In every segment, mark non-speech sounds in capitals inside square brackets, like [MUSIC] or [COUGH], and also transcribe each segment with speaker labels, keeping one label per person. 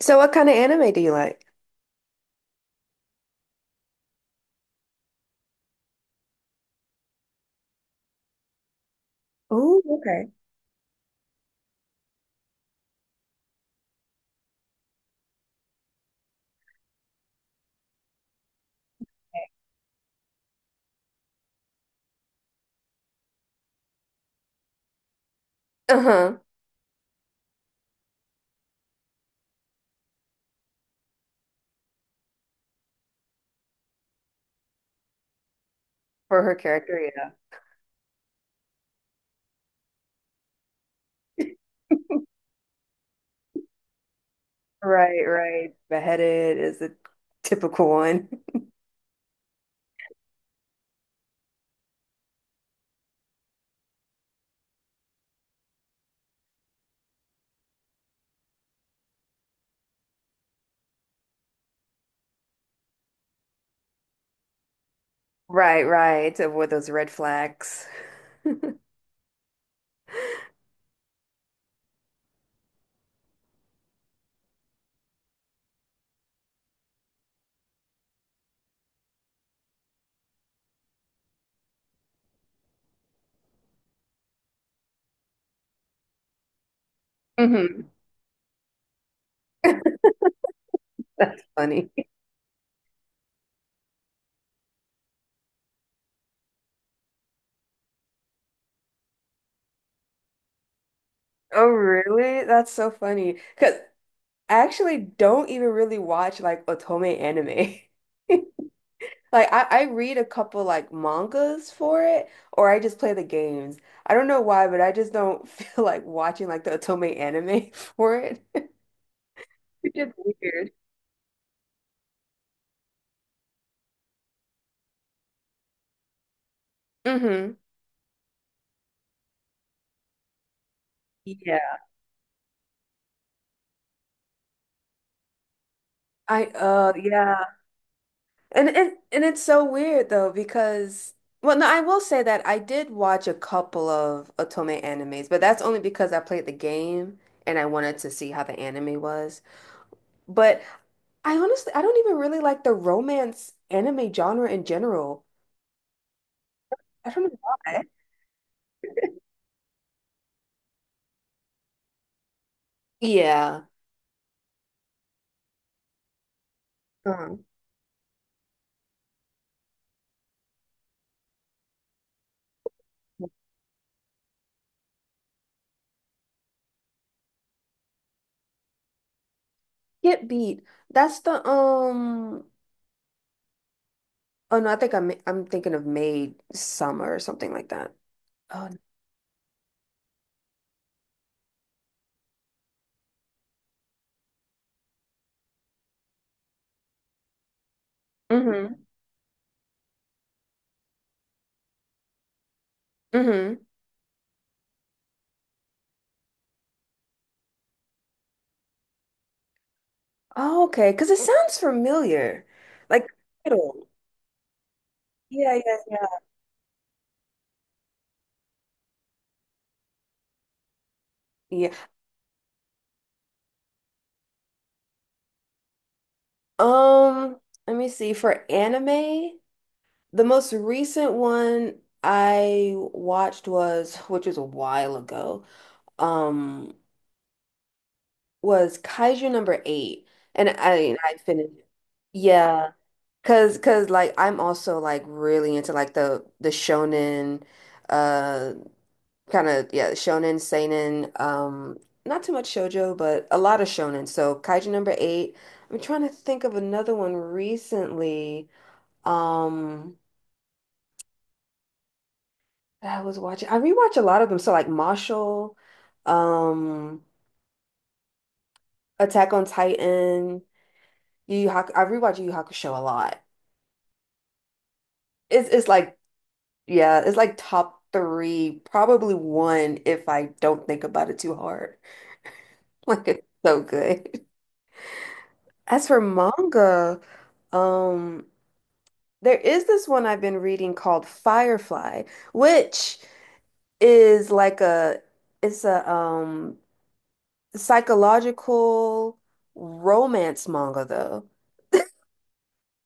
Speaker 1: So what kind of anime do you like? Oh, okay. Uh-huh. For her character, yeah. [LAUGHS] Right, right. Beheaded is a typical one. [LAUGHS] Right, right. To avoid those red flags. Hmm. [LAUGHS] That's funny. Oh, really? That's so funny. Because I actually don't even really watch like otome anime. [LAUGHS] Like I read a couple like mangas for it, or I just play the games. I don't know why, but I just don't [LAUGHS] feel like watching like the otome anime [LAUGHS] for it. Which is weird. Hmm. Yeah. I yeah. And it's so weird though because well no, I will say that I did watch a couple of otome animes, but that's only because I played the game and I wanted to see how the anime was. But I honestly, I don't even really like the romance anime genre in general. I don't know why. Yeah. Um, Get beat. That's the oh no, I think I'm thinking of Made Summer or something like that. Oh, no. Mm-hmm. Mm-hmm. Oh, okay. Because it sounds familiar. Like title. Yeah, yeah, yeah. Yeah. Um, let me see. For anime, the most recent one I watched was, which was a while ago, Um, was Kaiju 8. And I finished. Yeah. Cause like I'm also like really into like the shonen uh kind of yeah, shonen, seinen, not too much shoujo, but a lot of shonen. So Kaiju 8. I'm trying to think of another one recently. Um that I was watching. I rewatch a lot of them. So like Marshall, um Attack on Titan, Yu Yu Haku I rewatch Yu Yu Hakusho a lot. It's like yeah, it's like top 3, probably one if I don't think about it too hard. [LAUGHS] Like it's so good. As for manga, um, there is this one I've been reading called Firefly, which is like a it's a psychological romance manga though.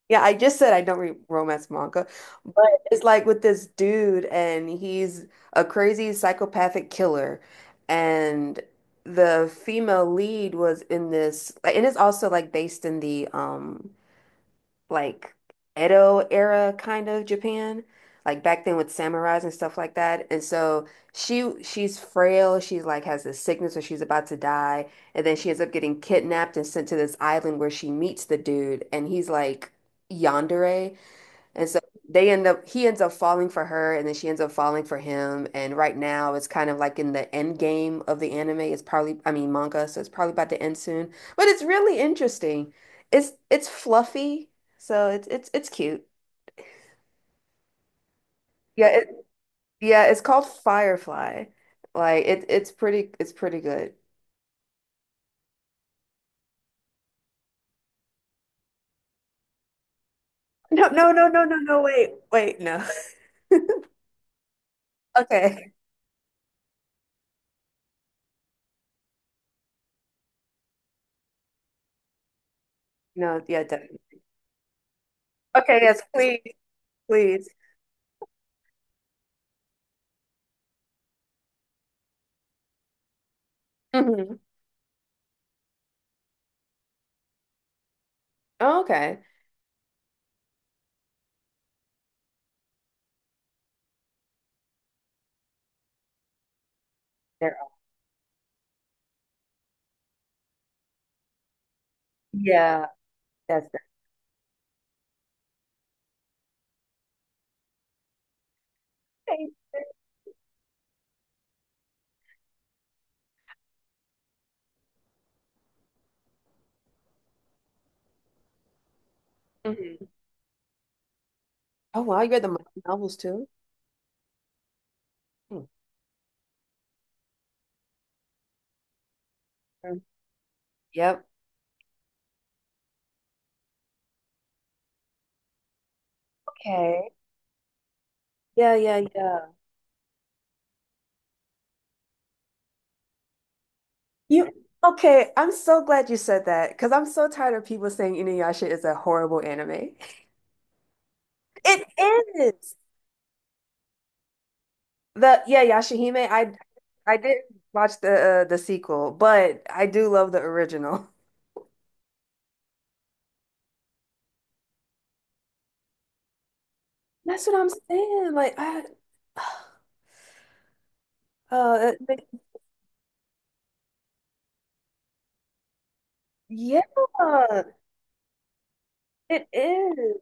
Speaker 1: Yeah, I just said I don't read romance manga, but it's like with this dude, and he's a crazy psychopathic killer, and the female lead was in this, and it's also like based in the like Edo era kind of Japan, like back then with samurais and stuff like that. And so she's frail. She's like has this sickness where she's about to die, and then she ends up getting kidnapped and sent to this island where she meets the dude, and he's like yandere. And so they end up, he ends up falling for her, and then she ends up falling for him. And right now, it's kind of like in the end game of the anime. It's probably, I mean, manga, so it's probably about to end soon. But it's really interesting. It's fluffy, so it's cute. Yeah, it, yeah, it's called Firefly. Like it's pretty good. No, no, no, no, no, no. Wait, wait, no. [LAUGHS] Okay, no, yeah, definitely. Okay, yes, please, please. Hmm. Okay. There. Yeah, that's it. Okay. Hmm. Oh wow, you read the Marvel novels too? Hmm. Mhm. Yep. Okay. Yeah, yeah, yeah. You okay? I'm so glad you said that because I'm so tired of people saying Inuyasha is a horrible anime. [LAUGHS] It is. The yeah, Yashahime. I did watch the sequel, but I do love the original. That's what I'm saying. Like I, [SIGHS] it- yeah, it is.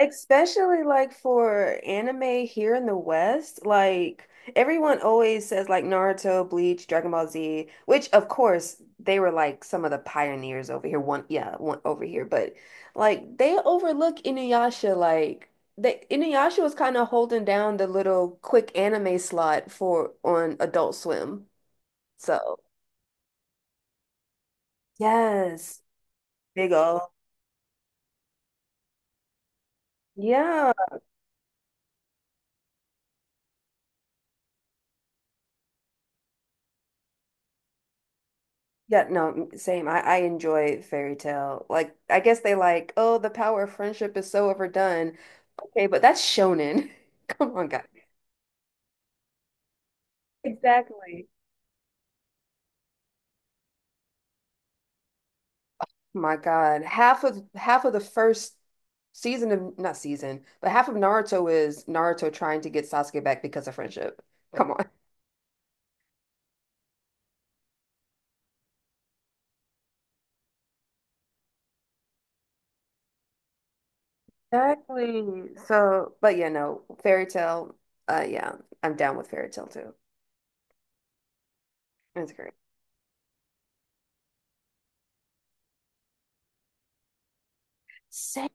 Speaker 1: Especially like for anime here in the West, like everyone always says like Naruto, Bleach, Dragon Ball Z, which of course they were like some of the pioneers over here. One, yeah, one over here, but like they overlook Inuyasha. Like they Inuyasha was kind of holding down the little quick anime slot for on Adult Swim. So yes, big ol' yeah. Yeah, no, same. I enjoy fairy tale. Like, I guess they like, oh, the power of friendship is so overdone. Okay, but that's shonen. [LAUGHS] Come on, guys. Exactly. My God, half of the first season of not season, but half of Naruto is Naruto trying to get Sasuke back because of friendship. Come on. Exactly. So, but yeah, no, fairy tale. Yeah, I'm down with fairy tale too. That's great. Same.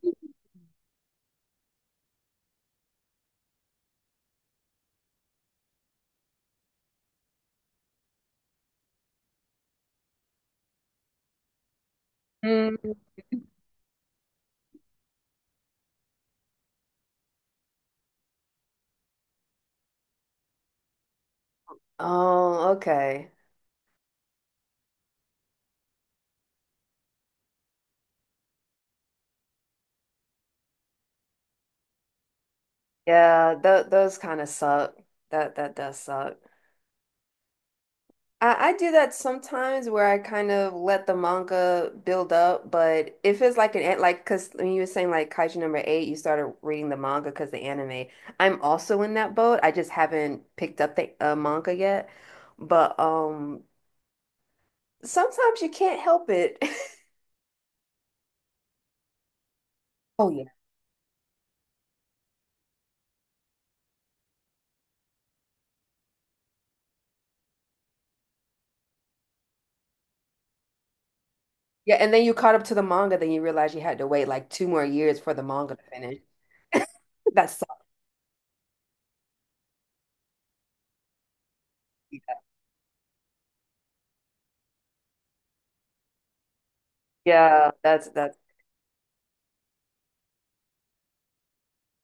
Speaker 1: Mm. Oh, okay. Yeah, th those kind of suck. That does suck. I do that sometimes where I kind of let the manga build up, but if it's like an- like because when you were saying like Kaiju 8, you started reading the manga because the anime. I'm also in that boat. I just haven't picked up the manga yet, but sometimes you can't help it. [LAUGHS] Oh yeah. Yeah, and then you caught up to the manga, then you realize you had to wait like 2 more years for the manga to finish. [LAUGHS] That sucks. Yeah, that's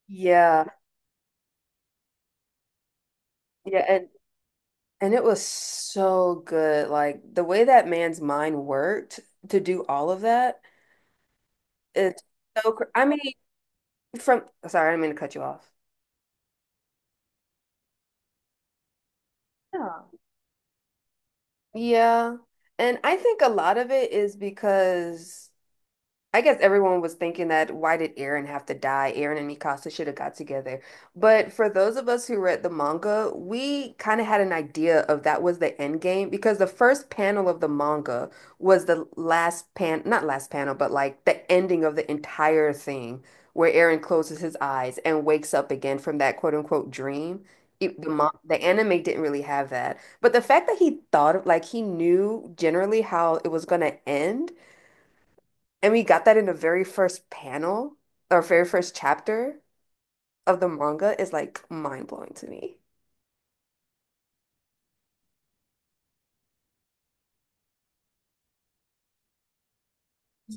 Speaker 1: Yeah, Yeah, and it was so good. Like the way that man's mind worked to do all of that, it's so cr I mean, from sorry, I didn't mean to cut you off. Yeah. Yeah. And I think a lot of it is because I guess everyone was thinking that why did Eren have to die? Eren and Mikasa should have got together. But for those of us who read the manga, we kind of had an idea of that was the end game because the first panel of the manga was the last pan, not last panel, but like the ending of the entire thing where Eren closes his eyes and wakes up again from that quote unquote dream. It, the, mon- the anime didn't really have that. But the fact that he thought of, like, he knew generally how it was going to end and we got that in the very first panel or very first chapter of the manga is like mind blowing to me.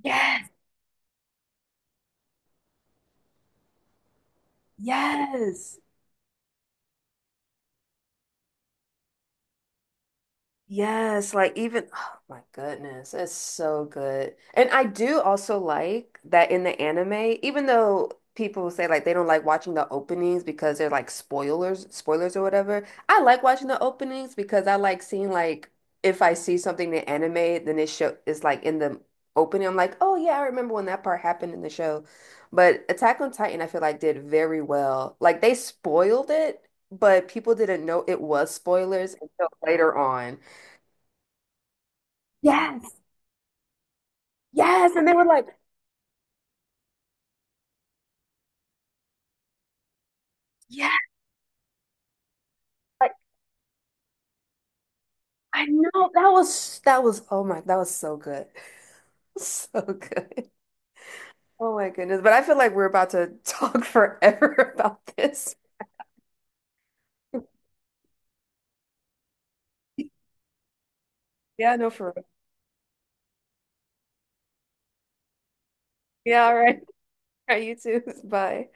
Speaker 1: Yes, yes. Yes, like even oh my goodness, it's so good. And I do also like that in the anime, even though people say like they don't like watching the openings because they're like spoilers, spoilers or whatever. I like watching the openings because I like seeing like if I see something in anime, then it show is like in the opening. I'm like, oh yeah, I remember when that part happened in the show. But Attack on Titan, I feel like did very well. Like they spoiled it, but people didn't know it was spoilers until later on. Yes. Yes. And they were like, yeah, like, I know that was oh my that was so good. [LAUGHS] So good. Oh my goodness. But I feel like we're about to talk forever [LAUGHS] about this. Yeah, no, for real. Yeah, all right. [LAUGHS] All right, you too. [LAUGHS] Bye.